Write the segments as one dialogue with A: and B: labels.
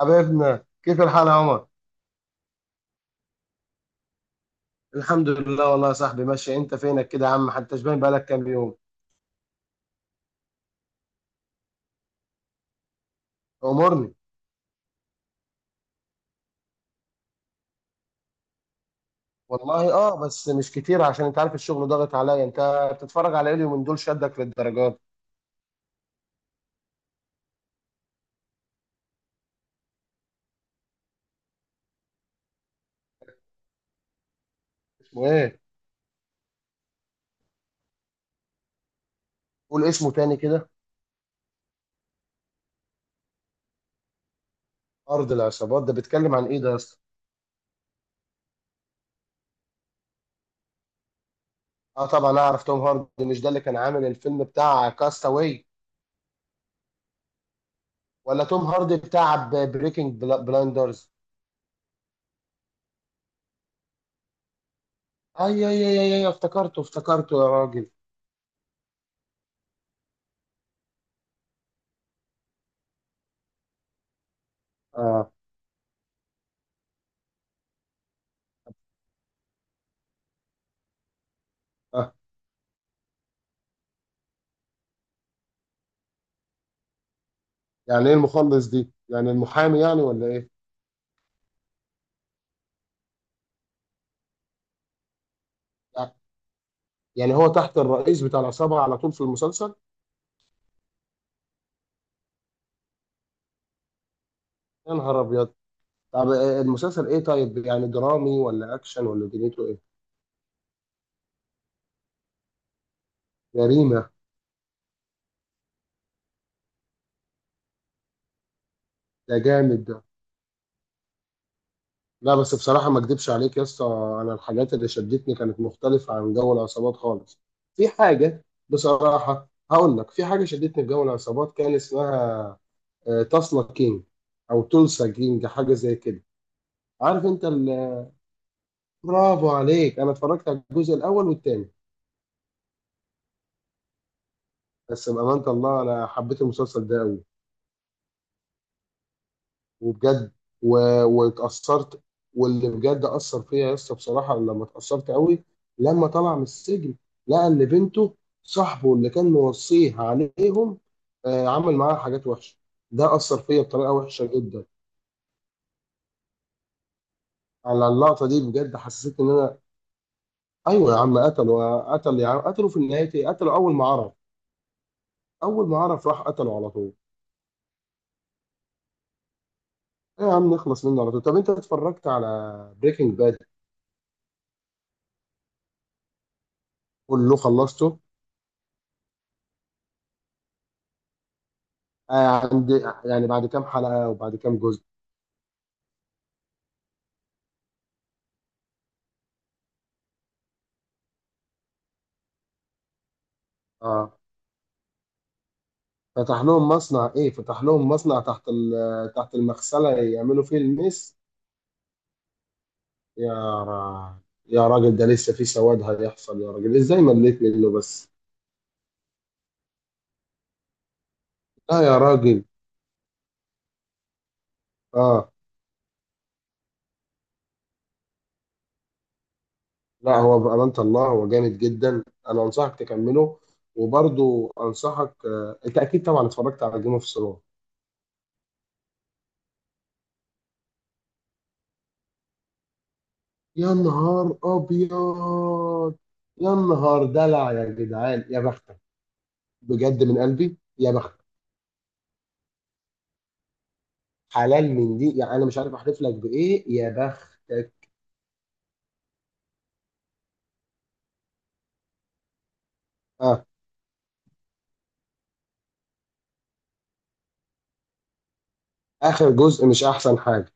A: حبيبنا، كيف الحال يا عمر؟ الحمد لله والله يا صاحبي ماشي. انت فينك كده يا عم؟ حتى شبان، بقالك كام يوم؟ امورني. والله بس مش كتير، عشان انت عارف الشغل ضاغط عليا. انت بتتفرج على ايه اليومين دول شدك للدرجات؟ اسمه ايه؟ قول اسمه تاني كده. ارض العصابات، ده بيتكلم عن ايه ده يا اسطى؟ اه طبعا اعرف توم هاردي، مش ده اللي كان عامل الفيلم بتاع كاستاوي؟ ولا توم هاردي بتاع بريكنج بلاندرز؟ اي افتكرته يا راجل. اه. اه، يعني ايه المخلص دي؟ يعني المحامي يعني ولا ايه؟ يعني هو تحت الرئيس بتاع العصابة على طول في المسلسل؟ يا نهار أبيض. طب المسلسل إيه طيب؟ يعني درامي ولا أكشن ولا دنيته إيه؟ جريمة. ده جامد ده. لا بس بصراحة ما أكدبش عليك يا اسطى، أنا الحاجات اللي شدتني كانت مختلفة عن جو العصابات خالص. في حاجة بصراحة هقول لك، في حاجة شدتني في جو العصابات كان اسمها تسلا كينج، أو تولسا كينج، حاجة زي كده. عارف أنت برافو عليك. أنا اتفرجت على الجزء الأول والتاني، بس بأمانة الله أنا حبيت المسلسل ده أوي. وبجد و... واتأثرت. واللي بجد أثر فيا يا اسطى بصراحة، لما اتأثرت قوي لما طلع من السجن، لقى إن بنته صاحبه اللي كان موصيه عليهم آه عمل معاها حاجات وحشة. ده أثر فيا بطريقة وحشة جدا. على اللقطة دي بجد حسيت إن أنا. أيوه يا عم قتله، قتل يا عم، قتله في النهاية إيه؟ قتله أول ما عرف. أول ما عرف راح قتله على طول. إيه يا عم، نخلص منه على طول. طب أنت اتفرجت على بريكنج باد؟ كله خلصته؟ آه عند، يعني بعد كام حلقة وبعد كام جزء؟ اه. فتح لهم مصنع ايه؟ فتح لهم مصنع تحت تحت المغسلة، يعملوا فيه الميس. يا را... يا راجل ده لسه في سواد هيحصل، يا راجل ازاي مليت منه بس؟ لا يا راجل. اه. لا، هو بأمانة الله هو جامد جدا، انا انصحك تكمله. وبرضو انصحك، انت اكيد طبعا اتفرجت على جيم اوف ثرونز. يا نهار ابيض. يا نهار دلع يا جدعان، يا بختك. بجد من قلبي، يا بخت حلال من دي يعني. انا مش عارف احلف لك بايه، يا بختك. اه اخر جزء مش احسن حاجه،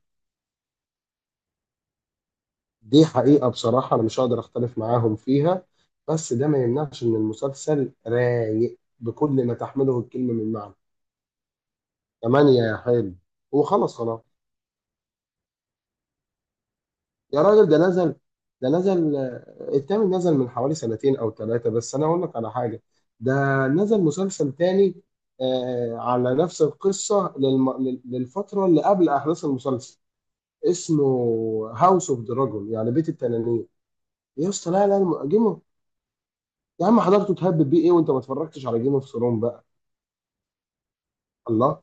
A: دي حقيقه. بصراحه انا مش هقدر اختلف معاهم فيها، بس ده ما يمنعش ان المسلسل رايق بكل ما تحمله الكلمه من معنى. ثمانية يا حلو، وخلص خلاص. يا راجل ده نزل، ده نزل التامن نزل من حوالي سنتين او ثلاثة. بس انا اقول لك على حاجة، ده نزل مسلسل تاني آه على نفس القصة للفترة اللي قبل احداث المسلسل، اسمه هاوس اوف دراجون، يعني بيت التنانين. يا اسطى لا لا، يا عم حضرته تهبب بيه ايه وانت ما اتفرجتش على جيم اوف ثرون بقى؟ الله.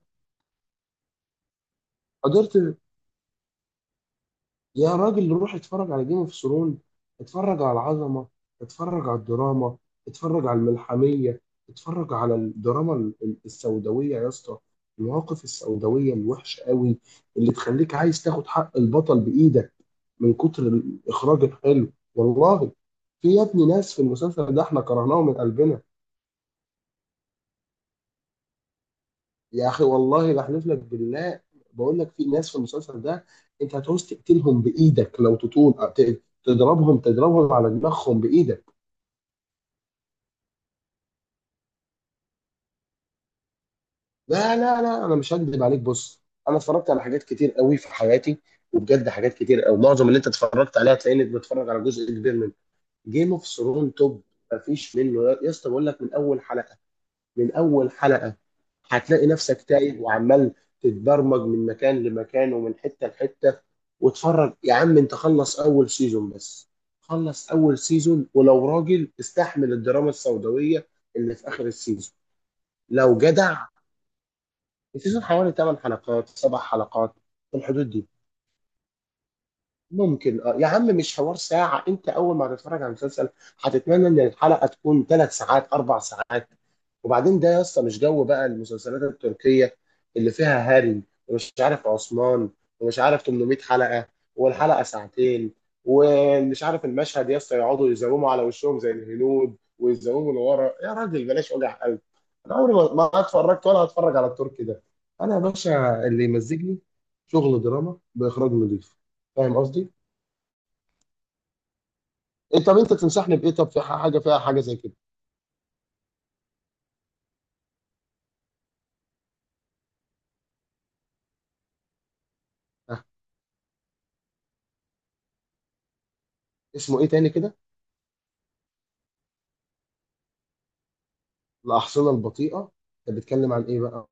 A: حضرت. يا راجل روح اتفرج على جيم اوف ثرون. اتفرج على العظمه، اتفرج على الدراما، اتفرج على الملحميه، اتفرج على الدراما السوداويه يا اسطى، المواقف السوداويه الوحشه قوي اللي تخليك عايز تاخد حق البطل بايدك من كتر الاخراج الحلو. والله في يا ابني ناس في المسلسل ده احنا كرهناهم من قلبنا. يا اخي والله بحلف لك بالله، بقول لك في ناس في المسلسل ده انت هتعوز تقتلهم بايدك لو تطول، تضربهم، تضربهم على دماغهم بايدك. لا لا لا، انا مش هكذب عليك. بص، انا اتفرجت على حاجات كتير قوي في حياتي وبجد، حاجات كتير قوي. معظم اللي انت اتفرجت عليها هتلاقيني بتفرج على جزء كبير منه. جيم اوف ثرون توب، مفيش منه. يا اسطى بقول لك، من اول حلقه، من اول حلقه هتلاقي نفسك تايه وعمال تتبرمج من مكان لمكان ومن حته لحته. واتفرج يا عم، انت خلص اول سيزون بس، خلص اول سيزون. ولو راجل استحمل الدراما السوداويه اللي في اخر السيزون، لو جدع. السيزون حوالي 8 حلقات، 7 حلقات، في الحدود دي. ممكن اه يا عم، مش حوار ساعة. انت اول ما هتتفرج على المسلسل، هتتمنى ان الحلقة تكون ثلاث ساعات، اربع ساعات. وبعدين ده يا اسطى مش جو بقى المسلسلات التركية اللي فيها هاري، ومش عارف عثمان، ومش عارف 800 حلقة، والحلقة ساعتين، ومش عارف المشهد يا اسطى يقعدوا يزوموا على وشهم زي الهنود ويزوموا لورا. يا راجل بلاش وجع قلب، انا عمري ما اتفرجت ولا هتفرج على التركي ده. انا يا باشا اللي يمزجني شغل دراما باخراج نظيف، فاهم قصدي؟ إيه، طب انت تنصحني بايه؟ طب في حاجه فيها حاجه زي كده؟ أه. اسمه ايه تاني كده؟ الاحصنه البطيئه؟ انت بتتكلم عن ايه بقى؟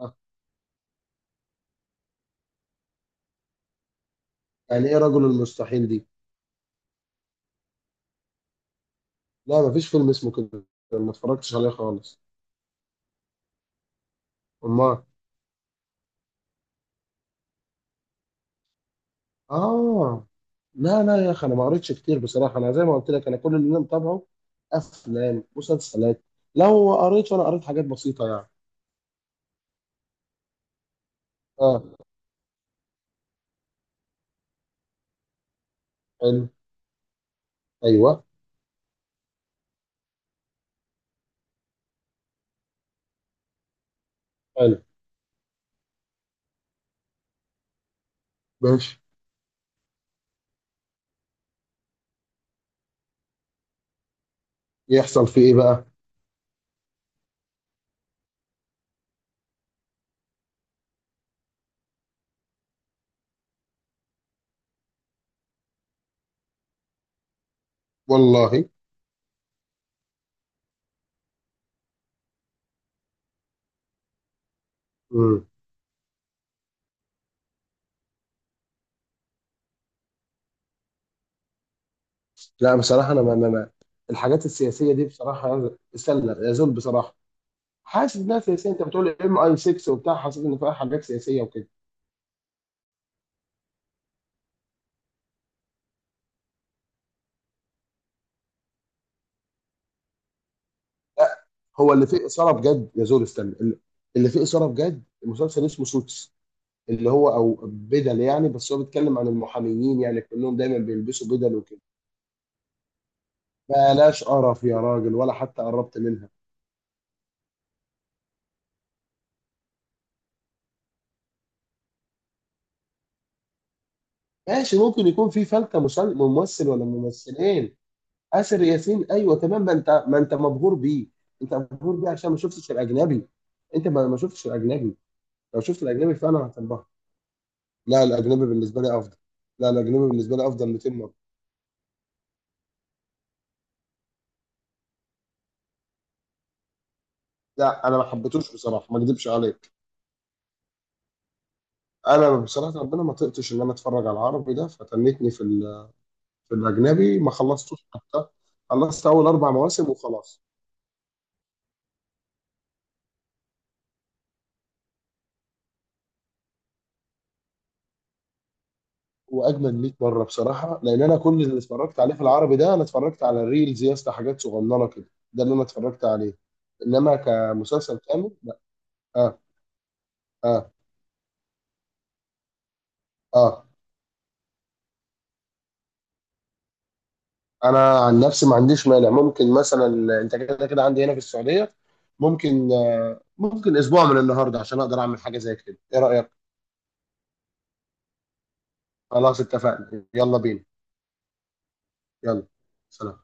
A: أه. يعني ايه رجل المستحيل دي؟ لا مفيش فيلم اسمه كده. ما اتفرجتش عليه خالص. امال. اه. لا لا يا اخي، انا ما قريتش كتير بصراحه. انا زي ما قلت لك، انا كل اللي انا متابعه افلام، مسلسلات. لو قريت فانا قريت حاجات بسيطه يعني. اه. حلو. ايوه. حلو. ماشي. يحصل في ايه بقى؟ والله. لا بصراحة أنا الحاجات السياسية دي بصراحة استنى يزول بصراحة. حاسس إنها سياسية، أنت بتقول ام أي 6 وبتاع، حاسس إن فيها حاجات سياسية وكده. لا، هو اللي فيه إثارة بجد يزول استنى. اللي فيه إثارة بجد مسلسل اسمه سوتس، اللي هو أو بدل يعني. بس هو بيتكلم عن المحاميين، يعني كلهم دايما بيلبسوا بدل وكده. بلاش قرف يا راجل، ولا حتى قربت منها. ماشي، ممكن يكون في فلتة ممثل ولا ممثلين. آسر ياسين، ايوه تمام، ما انت ما انت مبهور بيه. انت مبهور بيه عشان ما شفتش الاجنبي، انت ما شفتش الاجنبي. لو شفت الاجنبي فانا هتنبهر. لا الاجنبي بالنسبه لي افضل، لا الاجنبي بالنسبه لي افضل 200 مره. لا انا ما حبيتوش بصراحه، ما اكذبش عليك. انا بصراحه ربنا ما طقتش ان انا اتفرج على العربي ده، فتنتني في في الاجنبي، ما خلصتوش حتى. خلصت اول اربع مواسم وخلاص. واجمد 100 مره بصراحه، لان انا كل اللي اتفرجت عليه في العربي ده انا اتفرجت على الريلز يا اسطى، حاجات صغننه كده. ده اللي انا اتفرجت عليه، انما كمسلسل كامل لا. اه. اه. اه. انا عن نفسي ما عنديش مانع. ممكن مثلا، انت كده كده عندي هنا في السعوديه، ممكن آه ممكن اسبوع من النهارده عشان اقدر اعمل حاجه زي كده. ايه رايك؟ خلاص، اتفقنا، يلا بينا. يلا سلام.